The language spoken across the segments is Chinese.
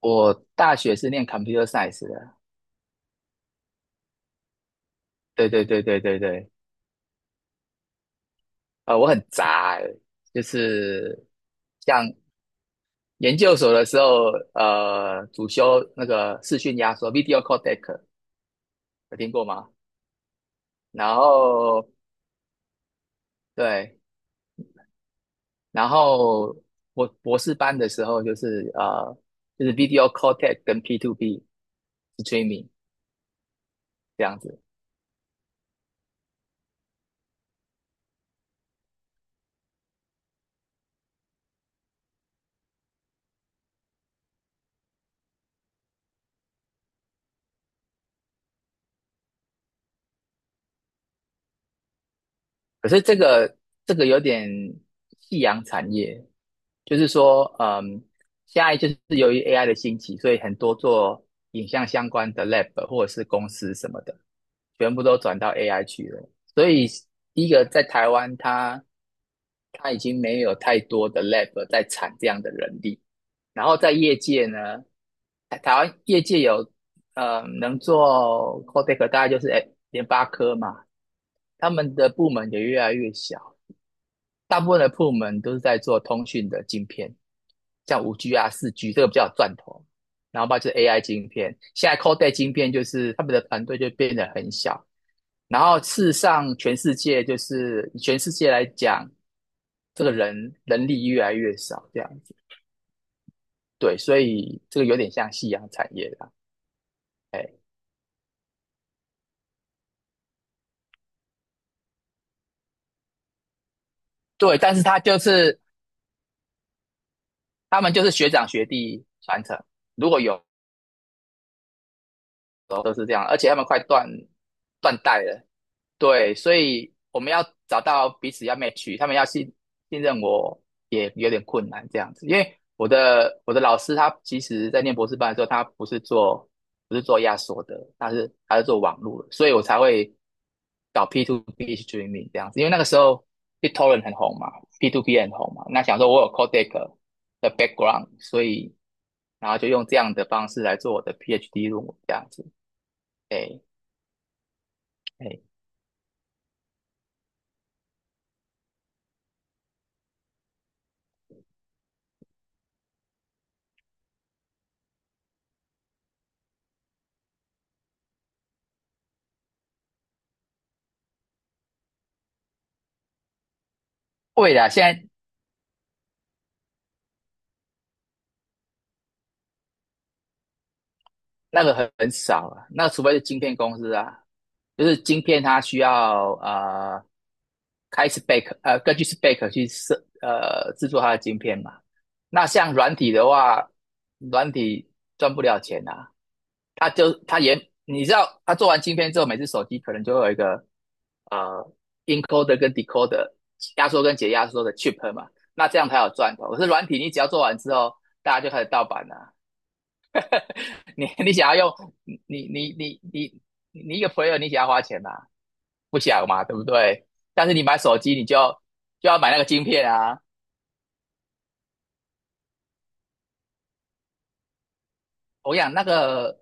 我大学是念 computer science 的，对对对对对对，我很杂欸，就是像研究所的时候，主修那个视讯压缩 （video codec），有听过吗？然后对，然后我博士班的时候就是 video codec 跟 P2P streaming 这样子。可是这个有点夕阳产业，就是说，现在就是由于 AI 的兴起，所以很多做影像相关的 lab 或者是公司什么的，全部都转到 AI 去了。所以第一个在台湾，他已经没有太多的 lab 在产这样的人力。然后在业界呢，台湾业界有能做 Codec，大概就是哎联发科嘛，他们的部门也越来越小，大部分的部门都是在做通讯的晶片，像五 g 啊、四 g 这个比较有赚头，然后包括就是 AI 晶片，现在 Codec 晶片就是他们的团队就变得很小，然后事实上全世界就是全世界来讲，这个人力越来越少这样子，对，所以这个有点像夕阳产业啦，对，但是他就是他们就是学长学弟传承，如果有都是这样，而且他们快断代了。对，所以我们要找到彼此要 match，他们要信任我也有点困难这样子，因为我的老师他其实在念博士班的时候，他不是做压缩的，他是做网络的，所以我才会搞 P to P streaming 这样子，因为那个时候 BitTorrent 很红嘛，P to P 很红嘛，那想说我有 Codec 的 background，所以然后就用这样的方式来做我的 PhD 论文这样子，哎哎，会的，现在。那个很少啊，那除非是晶片公司啊，就是晶片它需要开 spec 根据 spec 去制作它的晶片嘛。那像软体的话，软体赚不了钱啊，它也你知道，它做完晶片之后，每次手机可能就会有一个呃 encoder 跟 decoder 压缩跟解压缩的 chip 嘛，那这样才有赚头。可是软体你只要做完之后，大家就开始盗版了。你想要用你你你你你你一个 player 你想要花钱吗？不想嘛，对不对？但是你买手机你就要买那个晶片啊。我想那个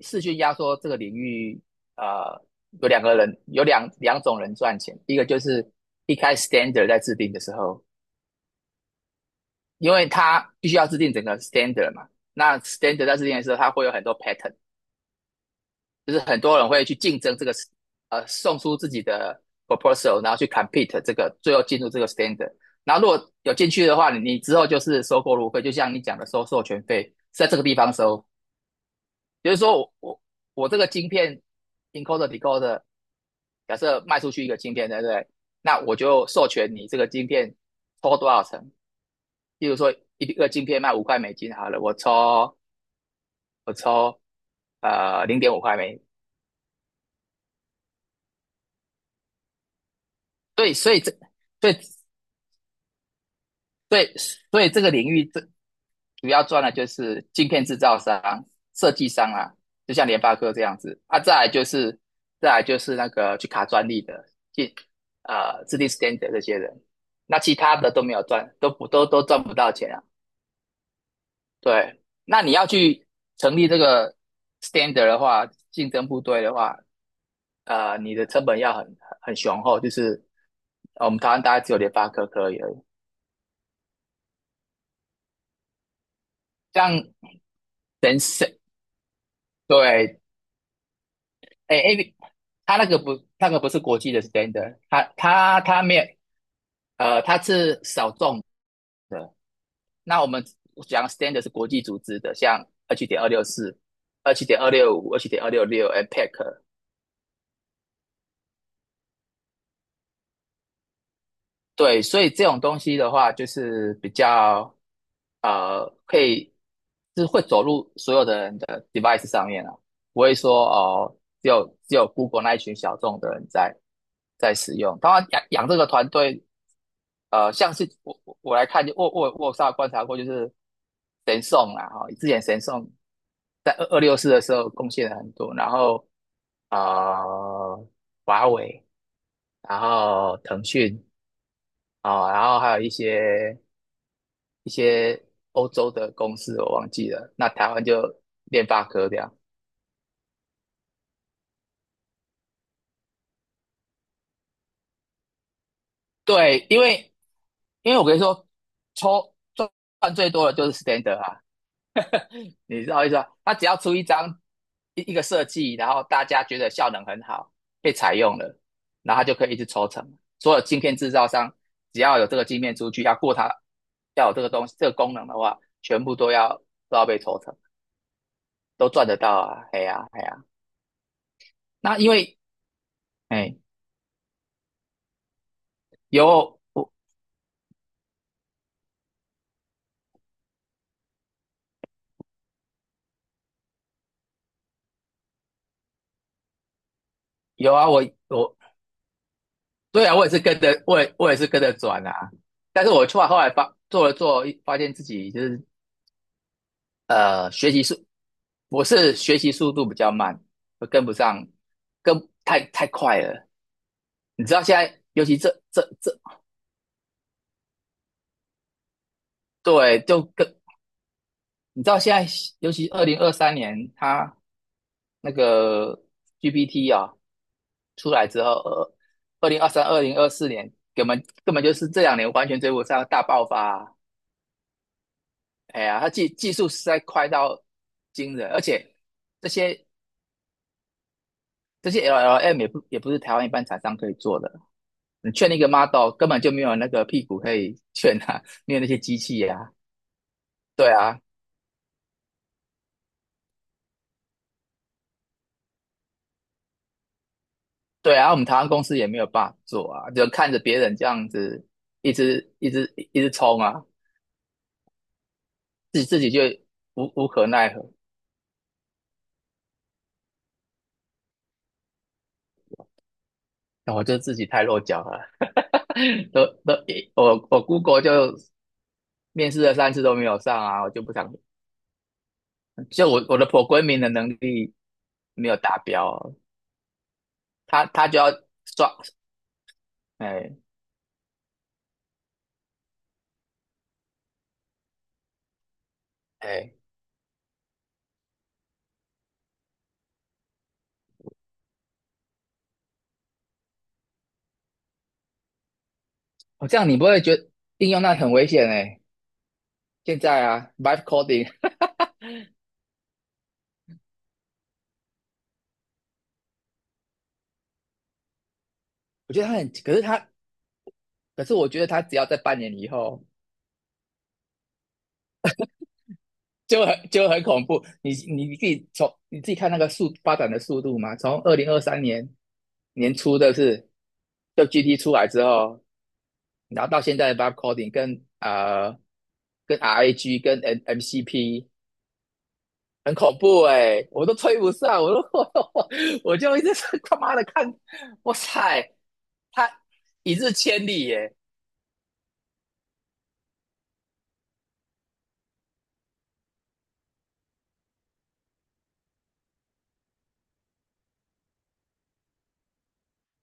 视讯压缩这个领域，呃，有两个人有两两种人赚钱，一个就是一开始 standard 在制定的时候，因为他必须要制定整个 standard 嘛，那 standard 在制定的时候，它会有很多 pattern,就是很多人会去竞争这个，送出自己的 proposal,然后去 compete 这个，最后进入这个 standard。然后如果有进去的话，你之后就是收过路费，就像你讲的收授权费，在这个地方收。比如说我这个晶片 encoder decoder,假设卖出去一个晶片，对不对？那我就授权你这个晶片抽多少成。例如说一个晶片卖五块美金好了，我抽零点五块美金，对，所以这。对，对，所以这个领域最主要赚的就是镜片制造商、设计商啊，就像联发科这样子啊，再来就是那个去卡专利的，进制定 standard 这些人，那其他的都没有赚，都赚不到钱啊。对，那你要去成立这个 standard 的话，竞争部队的话，你的成本要很雄厚，就是我们台湾大概只有联发科可以而已，像神对哎A，B，他那个不，那个不是国际的 standard,他没有，他是小众的。那我们讲 standard 是国际组织的，像二七点二六四、二七点二六五、二七点二六六 APEC,对，所以这种东西的话，就是比较可以是会走入所有的人的 device 上面啊，不会说哦，只有 Google 那一群小众的人在使用。当然养这个团队像是我来看，就我有稍微观察过，就是神送啦，哈、哦之前神送在二六四的时候贡献了很多，然后呃，华为，然后腾讯啊、哦然后还有一些欧洲的公司，我忘记了，那台湾就联发科这样。对，因为我跟你说，抽赚最多的就是 Standard 啊，你知道意思吧？他只要出一张一个设计，然后大家觉得效能很好，被采用了，然后他就可以一直抽成。所有晶片制造商只要有这个晶片出去，要过它，要有这个东西这个功能的话，全部都要被抽成，都赚得到啊！哎呀、哎呀、那因为哎有我有啊，我对啊，我也是跟着转啊，但是我出来后来发做了做，发现自己就是学习速，我是学习速度比较慢，我跟不上，跟太快了。你知道现在，尤其这，对，就你知道现在，尤其二零二三年，他那个 GPT 啊出来之后，二零二三、二零二四年，根本就是这两年完全追不上大爆发啊哎呀，他技术实在快到惊人，而且这些这些 LLM 也不是台湾一般厂商可以做的。你劝那个 model 根本就没有那个屁股可以劝啊，没有那些机器啊，对啊，对啊，我们台湾公司也没有办法做啊，就看着别人这样子一直一直一直冲啊，自己就无可奈何，那我就自己太落脚了，都都我 Google 就面试了三次都没有上啊，我就不想，就我的 programming 的能力没有达标哦，他就要刷，哎哎，我这样你不会觉得应用那很危险哎、现在啊 v i v e coding,我觉得他很，可是他，可是我觉得他只要在半年以后，就很恐怖。你自己从你自己看那个速发展的速度嘛，从二零二三年年初的是，就 GT 出来之后，然后到现在的 v i v e coding 跟跟 RAG 跟 MCP 很恐怖哎、欸我都吹不上，我都 我就一直是他妈的看，哇塞，他一日千里耶、欸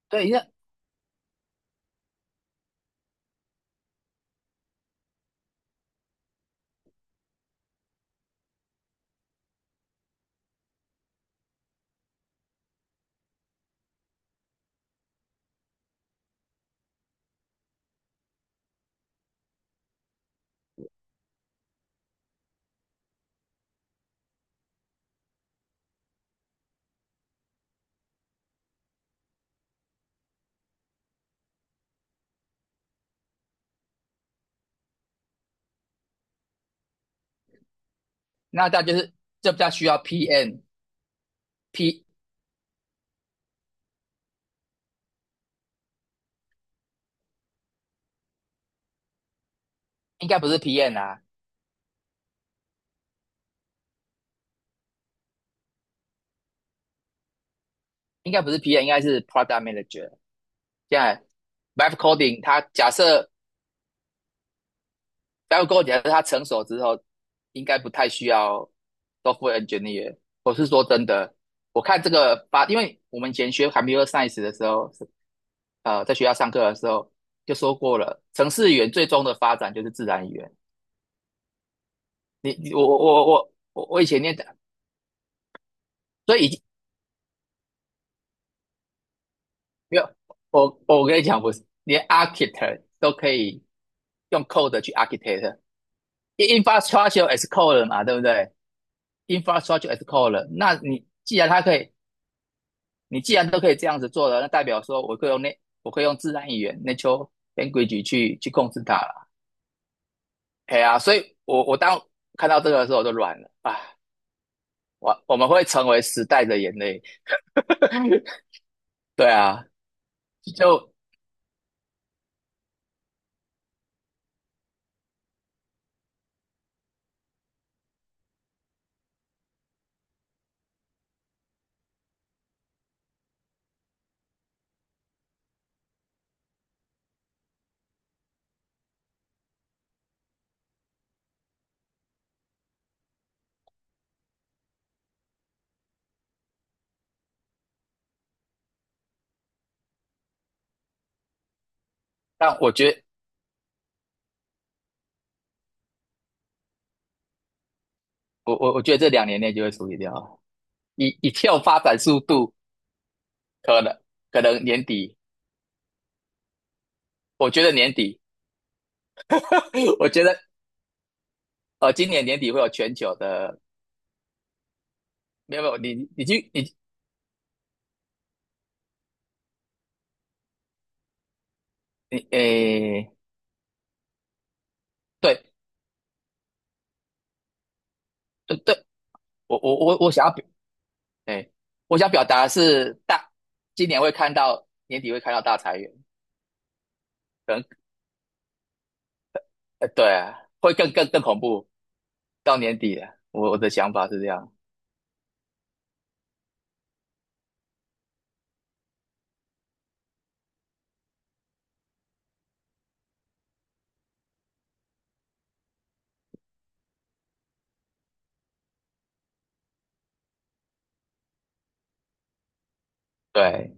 对，那大家就是这比较需要 p N P 应该不是 p N 啊，应该不是 p N,应该是 Product Manager。现在 Vibe Coding 它假设 Vibe Coding 假设它成熟之后，应该不太需要 Software Engineer。我是说真的，我看这个发，因为我们以前学 Computer Science 的时候，在学校上课的时候就说过了，程式语言最终的发展就是自然语言。你你我我我我以前念的，所以没有，我跟你讲，我是连 architect 都可以用 code 去 architect。infrastructure as code 嘛，对不对？infrastructure as code 那你既然它可以，你既然都可以这样子做了，那代表说我可以用自然语言 natural language 去控制它了。哎呀啊，所以我当看到这个的时候我就软了啊，我们会成为时代的眼泪。对啊，就但我觉得我觉得这两年内就会处理掉以跳发展速度，可能可能年底，我觉得年底，我觉得今年年底会有全球的，没有没有，你去你诶，对对对，我想要表，诶，我想表达的是今年会看到年底会看到大裁员，可能对啊，会更更更恐怖，到年底了，我的想法是这样，对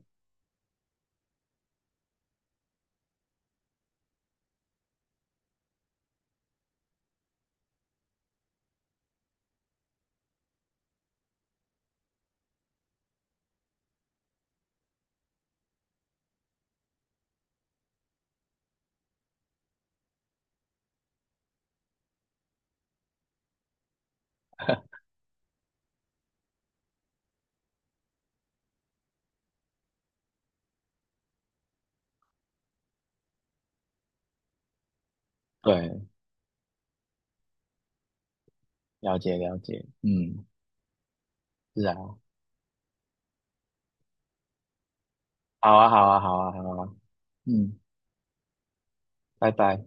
对，了解了解，嗯，是啊，好啊好啊好啊好啊，嗯，拜拜。